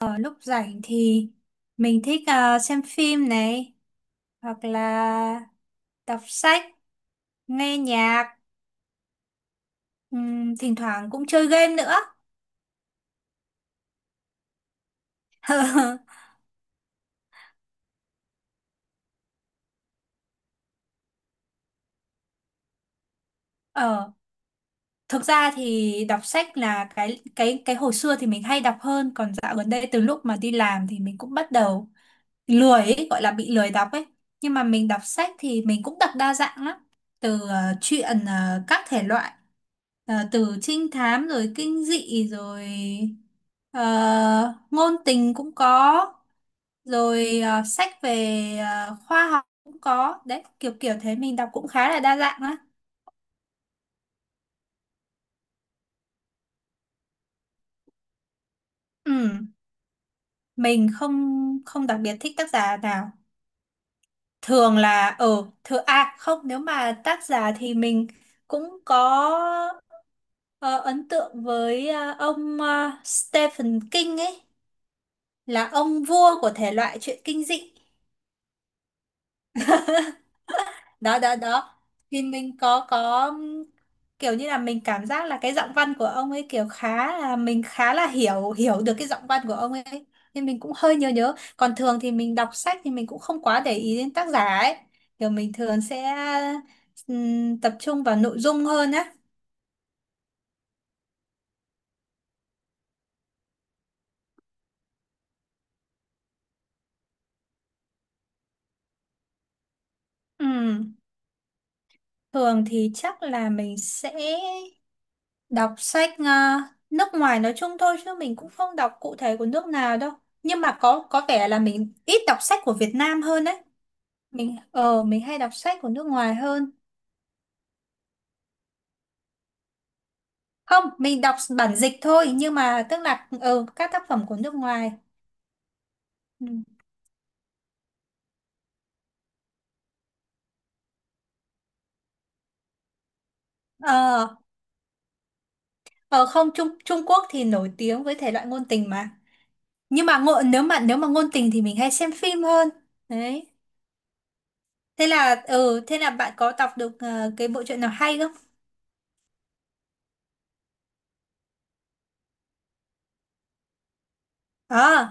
Ở lúc rảnh thì mình thích xem phim này, hoặc là đọc sách, nghe nhạc, thỉnh thoảng cũng chơi game nữa. Ờ. Thực ra thì đọc sách là cái hồi xưa thì mình hay đọc hơn, còn dạo gần đây từ lúc mà đi làm thì mình cũng bắt đầu lười ấy, gọi là bị lười đọc ấy. Nhưng mà mình đọc sách thì mình cũng đọc đa dạng lắm, từ truyện các thể loại. Ờ, từ trinh thám rồi kinh dị rồi ờ, ngôn tình cũng có, rồi sách về khoa học cũng có đấy, kiểu kiểu thế mình đọc cũng khá là đa dạng á. Ừ, mình không không đặc biệt thích tác giả nào. Thường là thường, à không, nếu mà tác giả thì mình cũng có ờ, ấn tượng với ông Stephen King ấy, là ông vua của thể loại truyện kinh dị. Đó đó đó, thì mình có kiểu như là mình cảm giác là cái giọng văn của ông ấy kiểu khá là mình khá là hiểu hiểu được cái giọng văn của ông ấy, nên mình cũng hơi nhớ nhớ. Còn thường thì mình đọc sách thì mình cũng không quá để ý đến tác giả ấy, kiểu mình thường sẽ tập trung vào nội dung hơn á. Ừm, Thường thì chắc là mình sẽ đọc sách nước ngoài nói chung thôi, chứ mình cũng không đọc cụ thể của nước nào đâu. Nhưng mà có vẻ là mình ít đọc sách của Việt Nam hơn đấy. Mình hay đọc sách của nước ngoài hơn. Không, mình đọc bản dịch thôi, nhưng mà tức là các tác phẩm của nước ngoài. Ừ. ờ ờ Không, Trung Trung Quốc thì nổi tiếng với thể loại ngôn tình mà. Nhưng mà ngộ, nếu mà ngôn tình thì mình hay xem phim hơn đấy. Thế là bạn có đọc được cái bộ truyện nào hay không? À,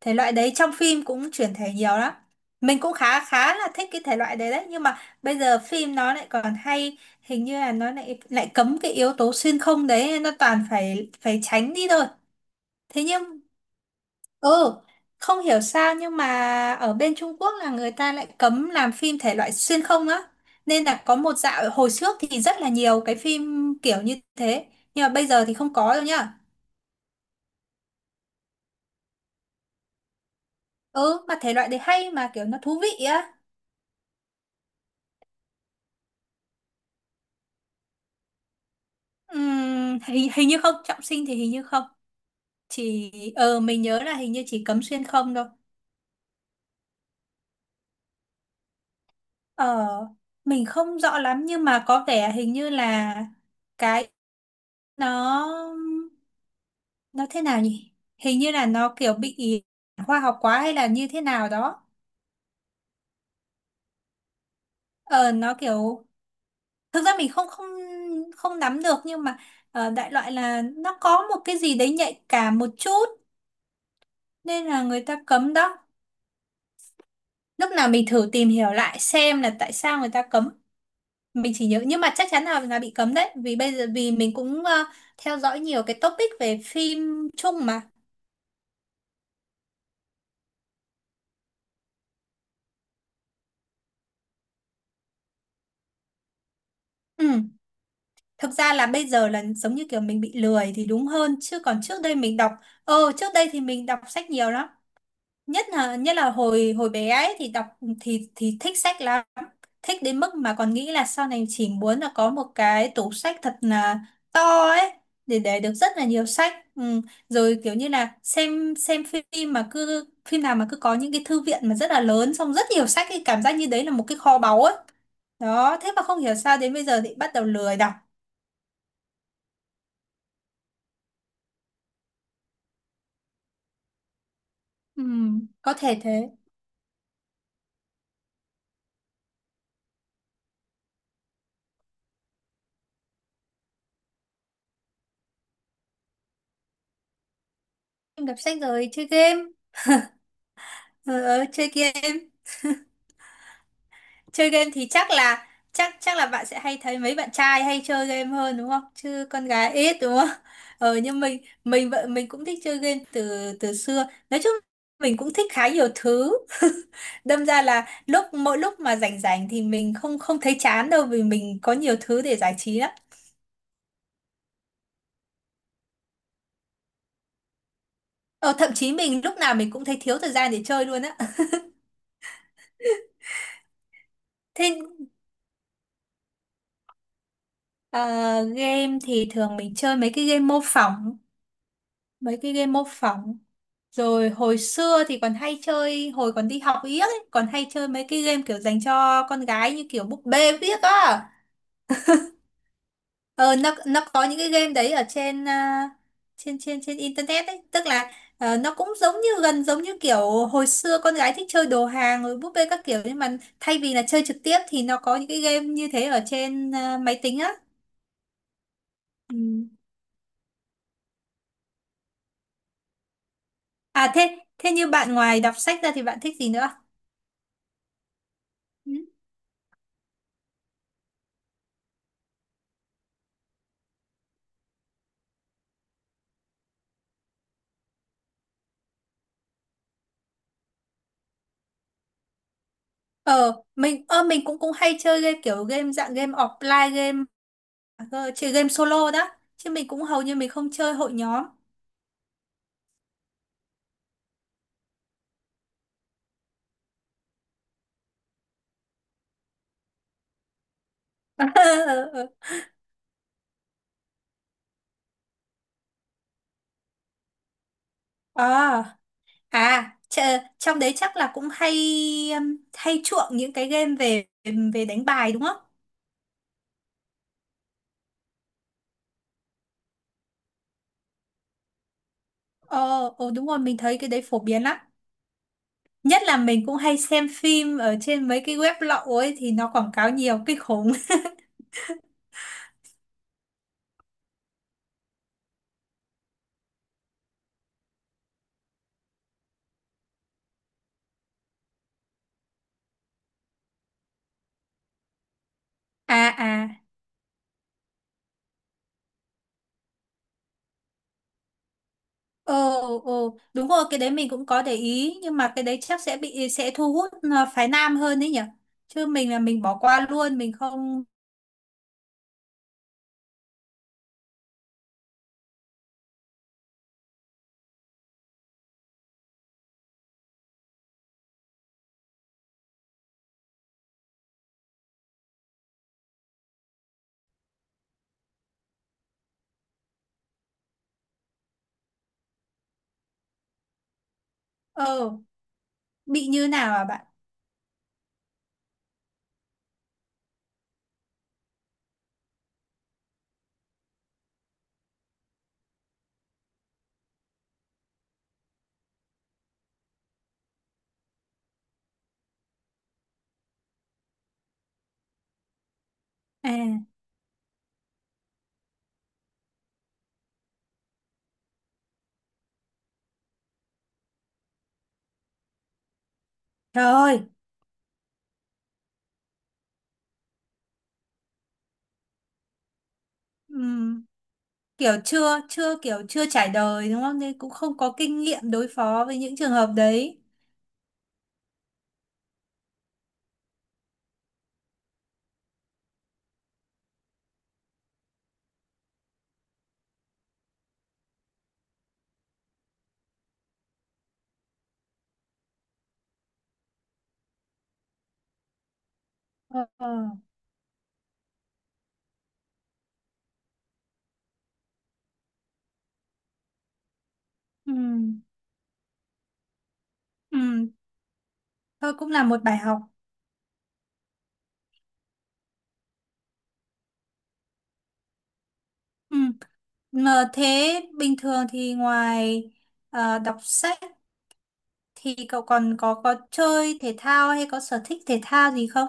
thể loại đấy trong phim cũng chuyển thể nhiều lắm. Mình cũng khá khá là thích cái thể loại đấy đấy, nhưng mà bây giờ phim nó lại còn hay, hình như là nó lại lại cấm cái yếu tố xuyên không đấy, nó toàn phải phải tránh đi thôi. Thế nhưng, ừ, không hiểu sao, nhưng mà ở bên Trung Quốc là người ta lại cấm làm phim thể loại xuyên không á. Nên là có một dạo hồi trước thì rất là nhiều cái phim kiểu như thế, nhưng mà bây giờ thì không có rồi nhá. Ừ, mà thể loại đấy hay mà, kiểu nó thú vị á. Hình như không trọng sinh thì hình như không chỉ. Mình nhớ là hình như chỉ cấm xuyên không thôi. ờ mình không rõ lắm, nhưng mà có vẻ hình như là cái, nó nó thế nào nhỉ, hình như là nó kiểu bị khoa học quá hay là như thế nào đó. Ờ nó kiểu, thực ra mình không không không nắm được, nhưng mà đại loại là nó có một cái gì đấy nhạy cảm một chút, nên là người ta cấm đó. Lúc nào mình thử tìm hiểu lại xem là tại sao người ta cấm, mình chỉ nhớ nhưng mà chắc chắn là bị cấm đấy, vì bây giờ vì mình cũng theo dõi nhiều cái topic về phim chung mà. Ừ. Thực ra là bây giờ là giống như kiểu mình bị lười thì đúng hơn, chứ còn trước đây mình đọc, trước đây thì mình đọc sách nhiều lắm. Nhất là hồi hồi bé ấy thì đọc, thì thích sách lắm. Thích đến mức mà còn nghĩ là sau này chỉ muốn là có một cái tủ sách thật là to ấy, để được rất là nhiều sách. Ừ. Rồi kiểu như là xem phim mà cứ phim nào mà cứ có những cái thư viện mà rất là lớn, xong rất nhiều sách, thì cảm giác như đấy là một cái kho báu ấy. Đó, thế mà không hiểu sao đến bây giờ thì bắt đầu lười đọc. Ừ, có thể thế. Em đọc sách rồi chơi game. Ờ, Chơi game. Chơi game thì chắc là, chắc chắc là bạn sẽ hay thấy mấy bạn trai hay chơi game hơn đúng không, chứ con gái ít đúng không? Nhưng mình vợ mình cũng thích chơi game từ từ xưa. Nói chung mình cũng thích khá nhiều thứ. Đâm ra là mỗi lúc mà rảnh rảnh thì mình không không thấy chán đâu, vì mình có nhiều thứ để giải trí lắm. Ờ Thậm chí mình lúc nào mình cũng thấy thiếu thời gian để chơi luôn á. Thế, ờ, game thì thường mình chơi mấy cái game mô phỏng mấy cái game mô phỏng. Rồi hồi xưa thì còn hay chơi, hồi còn đi học yếc ấy, còn hay chơi mấy cái game kiểu dành cho con gái như kiểu búp bê viết á. Ờ, nó có những cái game đấy ở trên, à, trên trên trên internet ấy, tức là nó cũng giống như, gần giống như kiểu hồi xưa con gái thích chơi đồ hàng rồi búp bê các kiểu, nhưng mà thay vì là chơi trực tiếp thì nó có những cái game như thế ở trên, à, máy tính á. Ừ. À, thế thế như bạn ngoài đọc sách ra thì bạn thích gì nữa? Ừ. Ờ, mình cũng cũng hay chơi game, kiểu game dạng game offline game, chơi game solo đó. Chứ mình cũng hầu như mình không chơi hội nhóm. Ờ, ờ, ờ. À, trong đấy chắc là cũng hay, hay chuộng những cái game về về đánh bài đúng không? Ờ, ờ đúng rồi, mình thấy cái đấy phổ biến lắm. Nhất là mình cũng hay xem phim ở trên mấy cái web lậu ấy thì nó quảng cáo nhiều kinh khủng. À, à. Ồ, ồ, đúng rồi, cái đấy mình cũng có để ý, nhưng mà cái đấy chắc sẽ thu hút, à, phái nam hơn đấy nhỉ. Chứ mình là mình bỏ qua luôn, mình không. ờ bị như nào à bạn? À, trời ơi. Ừm, kiểu chưa chưa kiểu chưa trải đời đúng không? Nên cũng không có kinh nghiệm đối phó với những trường hợp đấy. Ờ, ờ, ừm, ừm, thôi cũng là một bài học. Ừm, Mà thế bình thường thì ngoài đọc sách, thì cậu còn có chơi thể thao hay có sở thích thể thao gì không?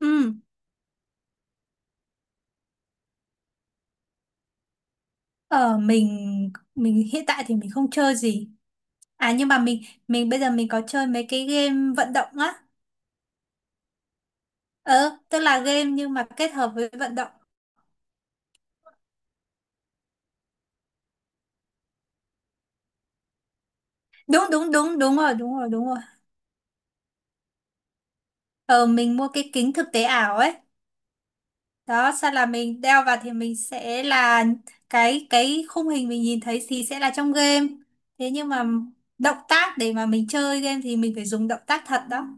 Ừ, mình hiện tại thì mình không chơi gì. À nhưng mà mình bây giờ mình có chơi mấy cái game vận động á. Ờ, tức là game nhưng mà kết hợp với vận động. Đúng, đúng, đúng, đúng rồi, đúng rồi, đúng rồi. Ờ mình mua cái kính thực tế ảo ấy. Đó, sau là mình đeo vào thì mình sẽ là, cái khung hình mình nhìn thấy thì sẽ là trong game. Thế nhưng mà động tác để mà mình chơi game thì mình phải dùng động tác thật đó.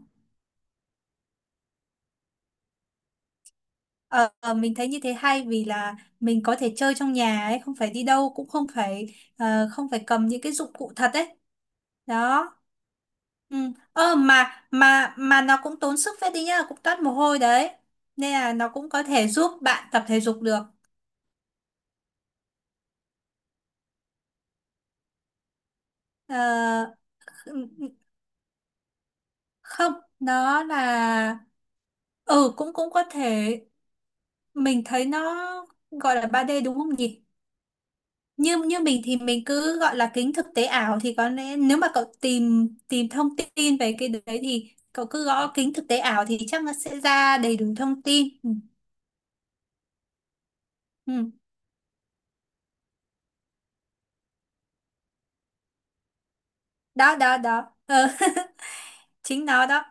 Ờ, ờ, mình thấy như thế hay vì là mình có thể chơi trong nhà ấy, không phải đi đâu, cũng không phải không phải cầm những cái dụng cụ thật ấy. Đó. Ừ. Ờ, mà nó cũng tốn sức phết đi nhá, cũng toát mồ hôi đấy. Nên là nó cũng có thể giúp bạn tập thể dục được. Ờ, không, nó là, cũng cũng có thể, mình thấy nó gọi là 3D đúng không nhỉ? Như như mình thì mình cứ gọi là kính thực tế ảo, thì có lẽ nếu mà cậu tìm tìm thông tin về cái đấy thì cậu cứ gõ kính thực tế ảo thì chắc nó sẽ ra đầy đủ thông tin. Ừ. Ừ. Đó đó đó. Ờ, chính nó đó.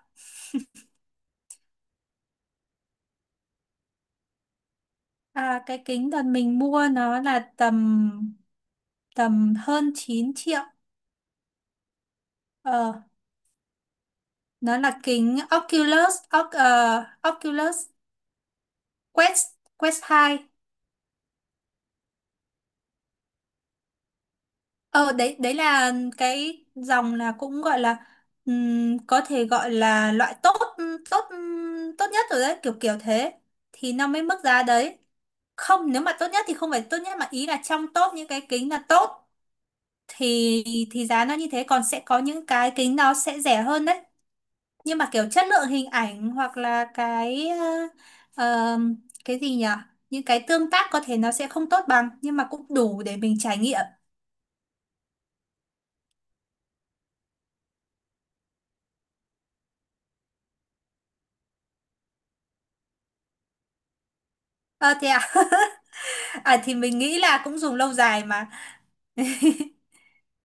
À, cái kính đợt mình mua nó là tầm tầm hơn 9 triệu. ờ, nó là kính Oculus Quest Quest 2. Ờ đấy, đấy là cái dòng là cũng gọi là, có thể gọi là loại tốt, tốt tốt nhất rồi đấy, kiểu kiểu thế. Thì nó mới mức giá đấy. Không, nếu mà tốt nhất thì không phải tốt nhất, mà ý là trong top những cái kính là tốt, thì thì giá nó như thế. Còn sẽ có những cái kính nó sẽ rẻ hơn đấy, nhưng mà kiểu chất lượng hình ảnh hoặc là cái ờm, cái gì nhỉ, những cái tương tác có thể nó sẽ không tốt bằng, nhưng mà cũng đủ để mình trải nghiệm. Ờ Thế à. À, thì mình nghĩ là cũng dùng lâu dài mà.